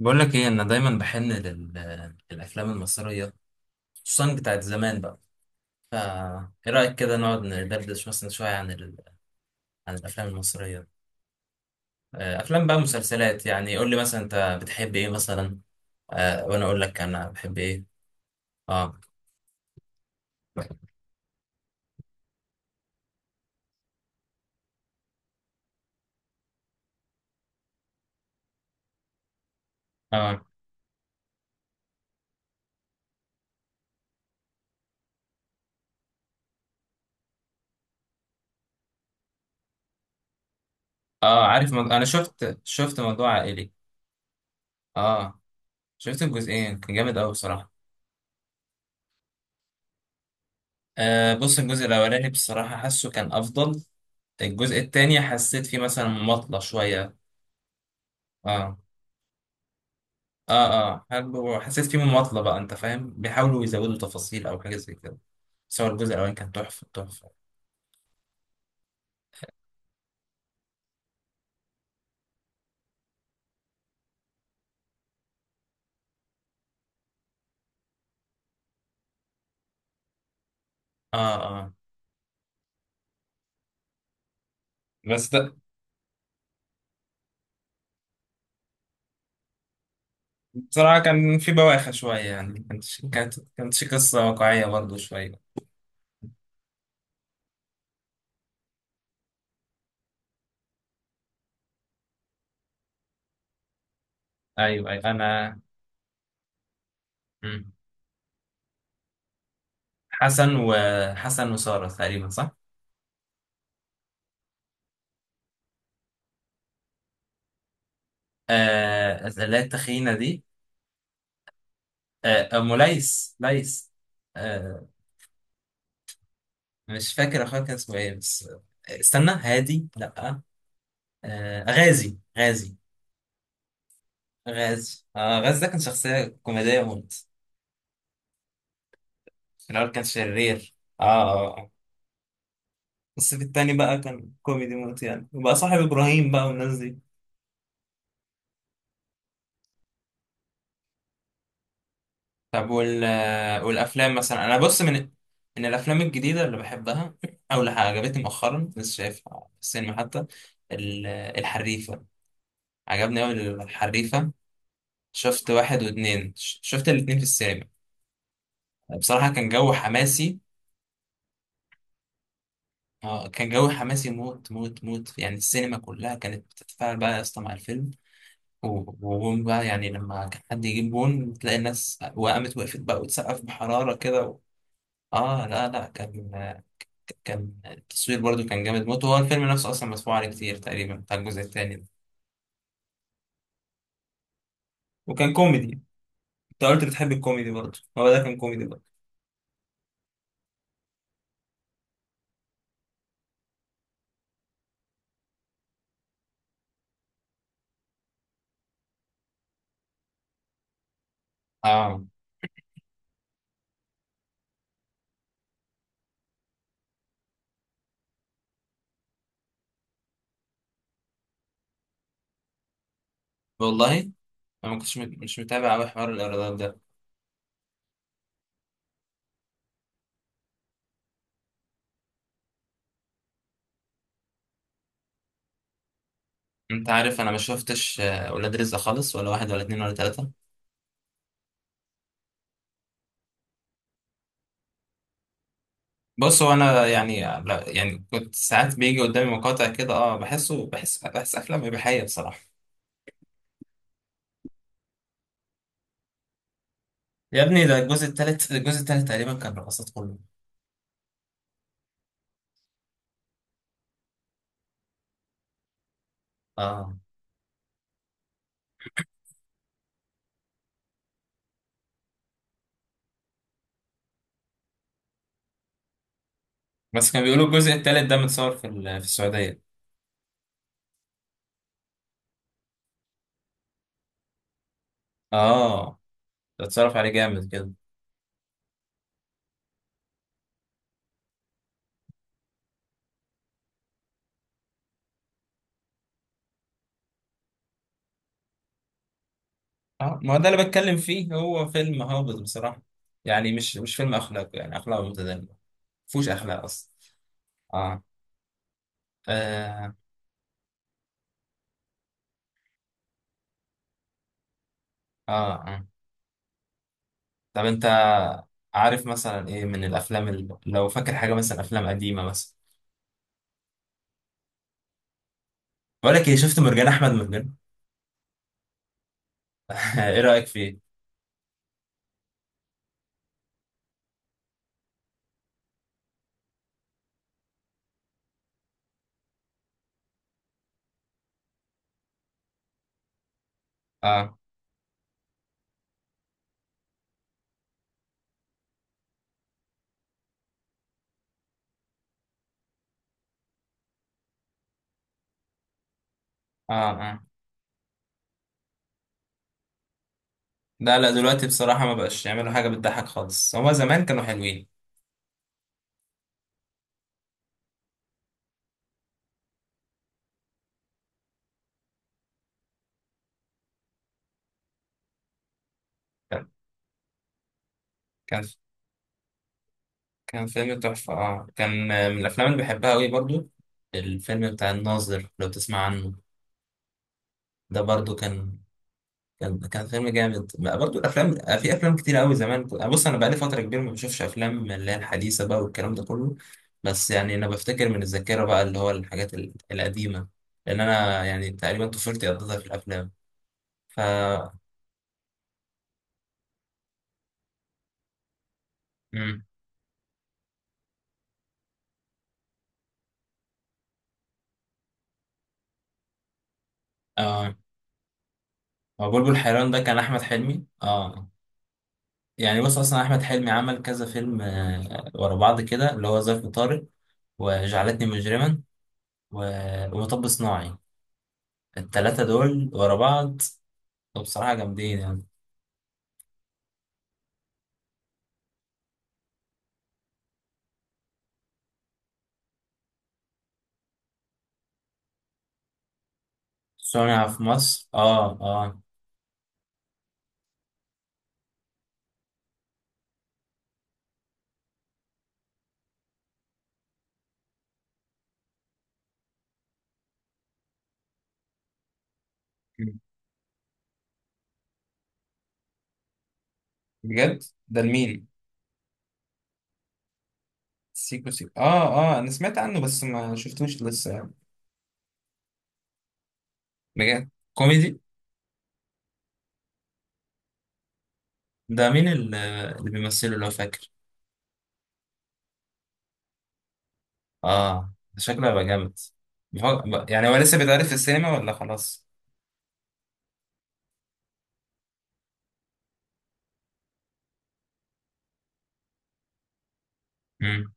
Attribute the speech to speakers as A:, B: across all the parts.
A: بقول لك ايه، انا دايما بحن للافلام المصريه، خصوصا بتاعت زمان بقى. فا ايه رايك كده نقعد ندردش مثلا شويه عن عن الافلام المصريه؟ آه، افلام بقى مسلسلات، يعني قول لي مثلا انت بتحب ايه مثلا. آه، وانا اقول لك انا بحب ايه. اه، اه، اه. عارف، انا شفت موضوع عائلي. اه. شفت الجزئين كان جامد قوي بصراحه. آه، بص الجزء الاولاني بصراحه حاسه كان افضل. الجزء التاني حسيت فيه مثلا مماطله شويه. اه، اه، اه. حلو، حسيت فيه مماطلة بقى. انت فاهم، بيحاولوا يزودوا تفاصيل او حاجة زي كده. بس هو الجزء الاولاني كان تحفة تحفة. اه، اه. بس ده، بصراحة كان في بواخر شوية، يعني كانت قصة واقعية برضه شوية. ايوه، ايوه، انا. مم. حسن وحسن وسارة تقريبا، صح؟ آه، اللي هي التخينة دي. آه، ليس. آه، مش فاكر اخويا كان اسمه ايه بس. آه، استنى. هادي، لا. آه، غازي، غازي. غاز ده كان شخصية كوميدية موت. في الأول كان شرير. آه، آه، آه. الصيف التاني بقى كان كوميدي موت، يعني وبقى صاحب إبراهيم بقى والناس دي. طب، والأفلام مثلا. أنا بص، من من الأفلام الجديدة اللي بحبها، أو اللي عجبتني مؤخرا، لسه شايفها في السينما حتى. الحريفة. عجبني أوي الحريفة. شفت واحد واتنين، شفت الاتنين في السينما. بصراحة كان جو حماسي. اه، كان جو حماسي موت موت موت، يعني السينما كلها كانت بتتفاعل بقى يا اسطى مع الفيلم. و- وجون بقى، يعني لما كان حد يجيب جون تلاقي الناس وقامت وقفت بقى وتسقف بحرارة كده اه، لا، لا، كان التصوير برضو كان جامد موت، وهو الفيلم نفسه اصلا مسموع عليه كتير تقريبا بتاع الجزء التاني ده. وكان كوميدي. انت قلت بتحب الكوميدي برضو، هو ده كان كوميدي برضو. اه، والله انا ما كنتش مش متابع قوي حوار الايرادات ده. انت عارف، انا ما شفتش ولاد رزق خالص، ولا واحد ولا اتنين ولا تلاتة. بص، هو انا يعني، لا يعني كنت ساعات بيجي قدامي مقاطع كده، اه، بحسه بحس بحس افلام اباحيه بصراحه. يا ابني، ده الجزء الثالث تقريبا كان رقصات كله. اه، بس كانوا بيقولوا الجزء الثالث ده متصور في في السعوديه. اه، ده اتصرف عليه جامد كده. اه، ما هو ده اللي بتكلم فيه هو فيلم هابط بصراحه. يعني مش فيلم اخلاق، يعني اخلاقه متدنيه. مفهوش اخلاق اصلا. اه، اه، اه، آه. طب، انت عارف مثلا ايه من الافلام، اللي لو فاكر حاجه مثلا، افلام قديمه مثلا؟ بقول لك ايه، شفت مرجان احمد مرجان؟ ايه رايك فيه؟ اه، اه، اه. لا، لا، دلوقتي بصراحه ما بقاش يعملوا حاجه بتضحك خالص. هما زمان كانوا حلوين. كان كان كان فيلم تحفه. اه كان من الافلام اللي بحبها قوي برضو. الفيلم بتاع الناظر، لو تسمع عنه. ده برضو كان فيلم جامد بقى. برضو الافلام، في افلام كتير قوي زمان. بص، انا بقالي فتره كبيره ما بشوفش افلام اللي هي الحديثه بقى والكلام ده كله. بس يعني انا بفتكر من الذاكره بقى، اللي هو الحاجات القديمه. لان انا يعني تقريبا طفولتي قضيتها في الافلام. ف امم اه، هو بلبل حيران ده كان احمد حلمي، اه. يعني بص، اصلا احمد حلمي عمل كذا فيلم ورا بعض كده، اللي هو ظرف طارق، وجعلتني مجرما، ومطب صناعي. التلاتة دول ورا بعض، بصراحة جامدين يعني. صنع في مصر، اه، اه. بجد؟ ده لمين؟ سيكو سيكو، اه. اه، انا سمعت عنه بس ما شفتوش لسه يعني. بجد كوميدي؟ ده مين اللي بيمثله، لو فاكر؟ اه، ده شكله هيبقى جامد. يعني هو لسه بيتعرض في السينما ولا خلاص؟ مم.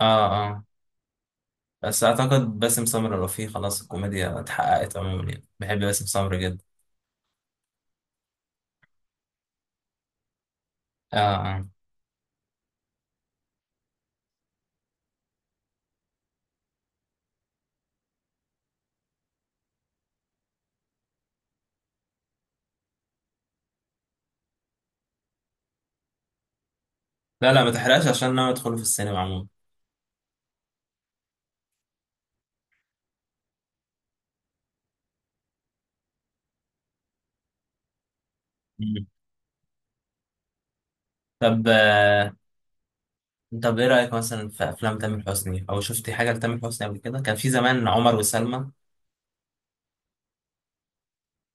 A: اه، اه. بس اعتقد باسم سمرة رفيع، خلاص الكوميديا اتحققت عموما، يعني بحب باسم سمرة جدا. اه، اه، لا، لا ما تحرقش عشان انا ادخله في السينما عموما. مم. طب، طب ايه رأيك مثلا في افلام تامر حسني، او شفتي حاجة لتامر حسني قبل كده؟ كان في زمان عمر وسلمى.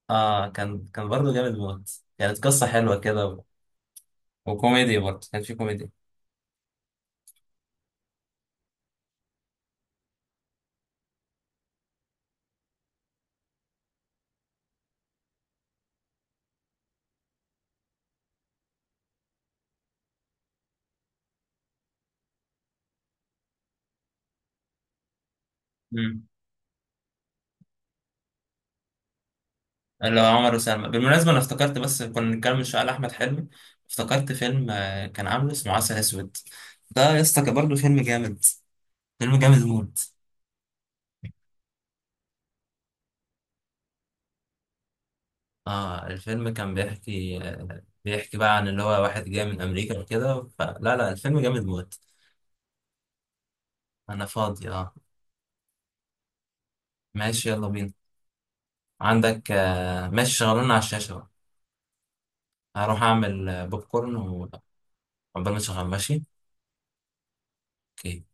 A: اه، كان برضه جامد موت. كانت قصة حلوة كده وكوميدي، برضه كان في كوميدي. امم اللي هو عمر وسلمى. بالمناسبة انا افتكرت، بس كنا بنتكلم من شوية على احمد حلمي، افتكرت فيلم كان عامله اسمه عسل اسود. ده يا اسطى كان برضه فيلم جامد. فيلم جامد موت. اه، الفيلم كان بيحكي بقى عن اللي هو واحد جاي من امريكا وكده. فلا، لا، الفيلم جامد موت. انا فاضي، اه. ماشي، يلا بينا. عندك، ماشي، شغلونا على الشاشة بقى. هروح أعمل بوب كورن، وعقبال ما تشغل. ماشي. أوكي.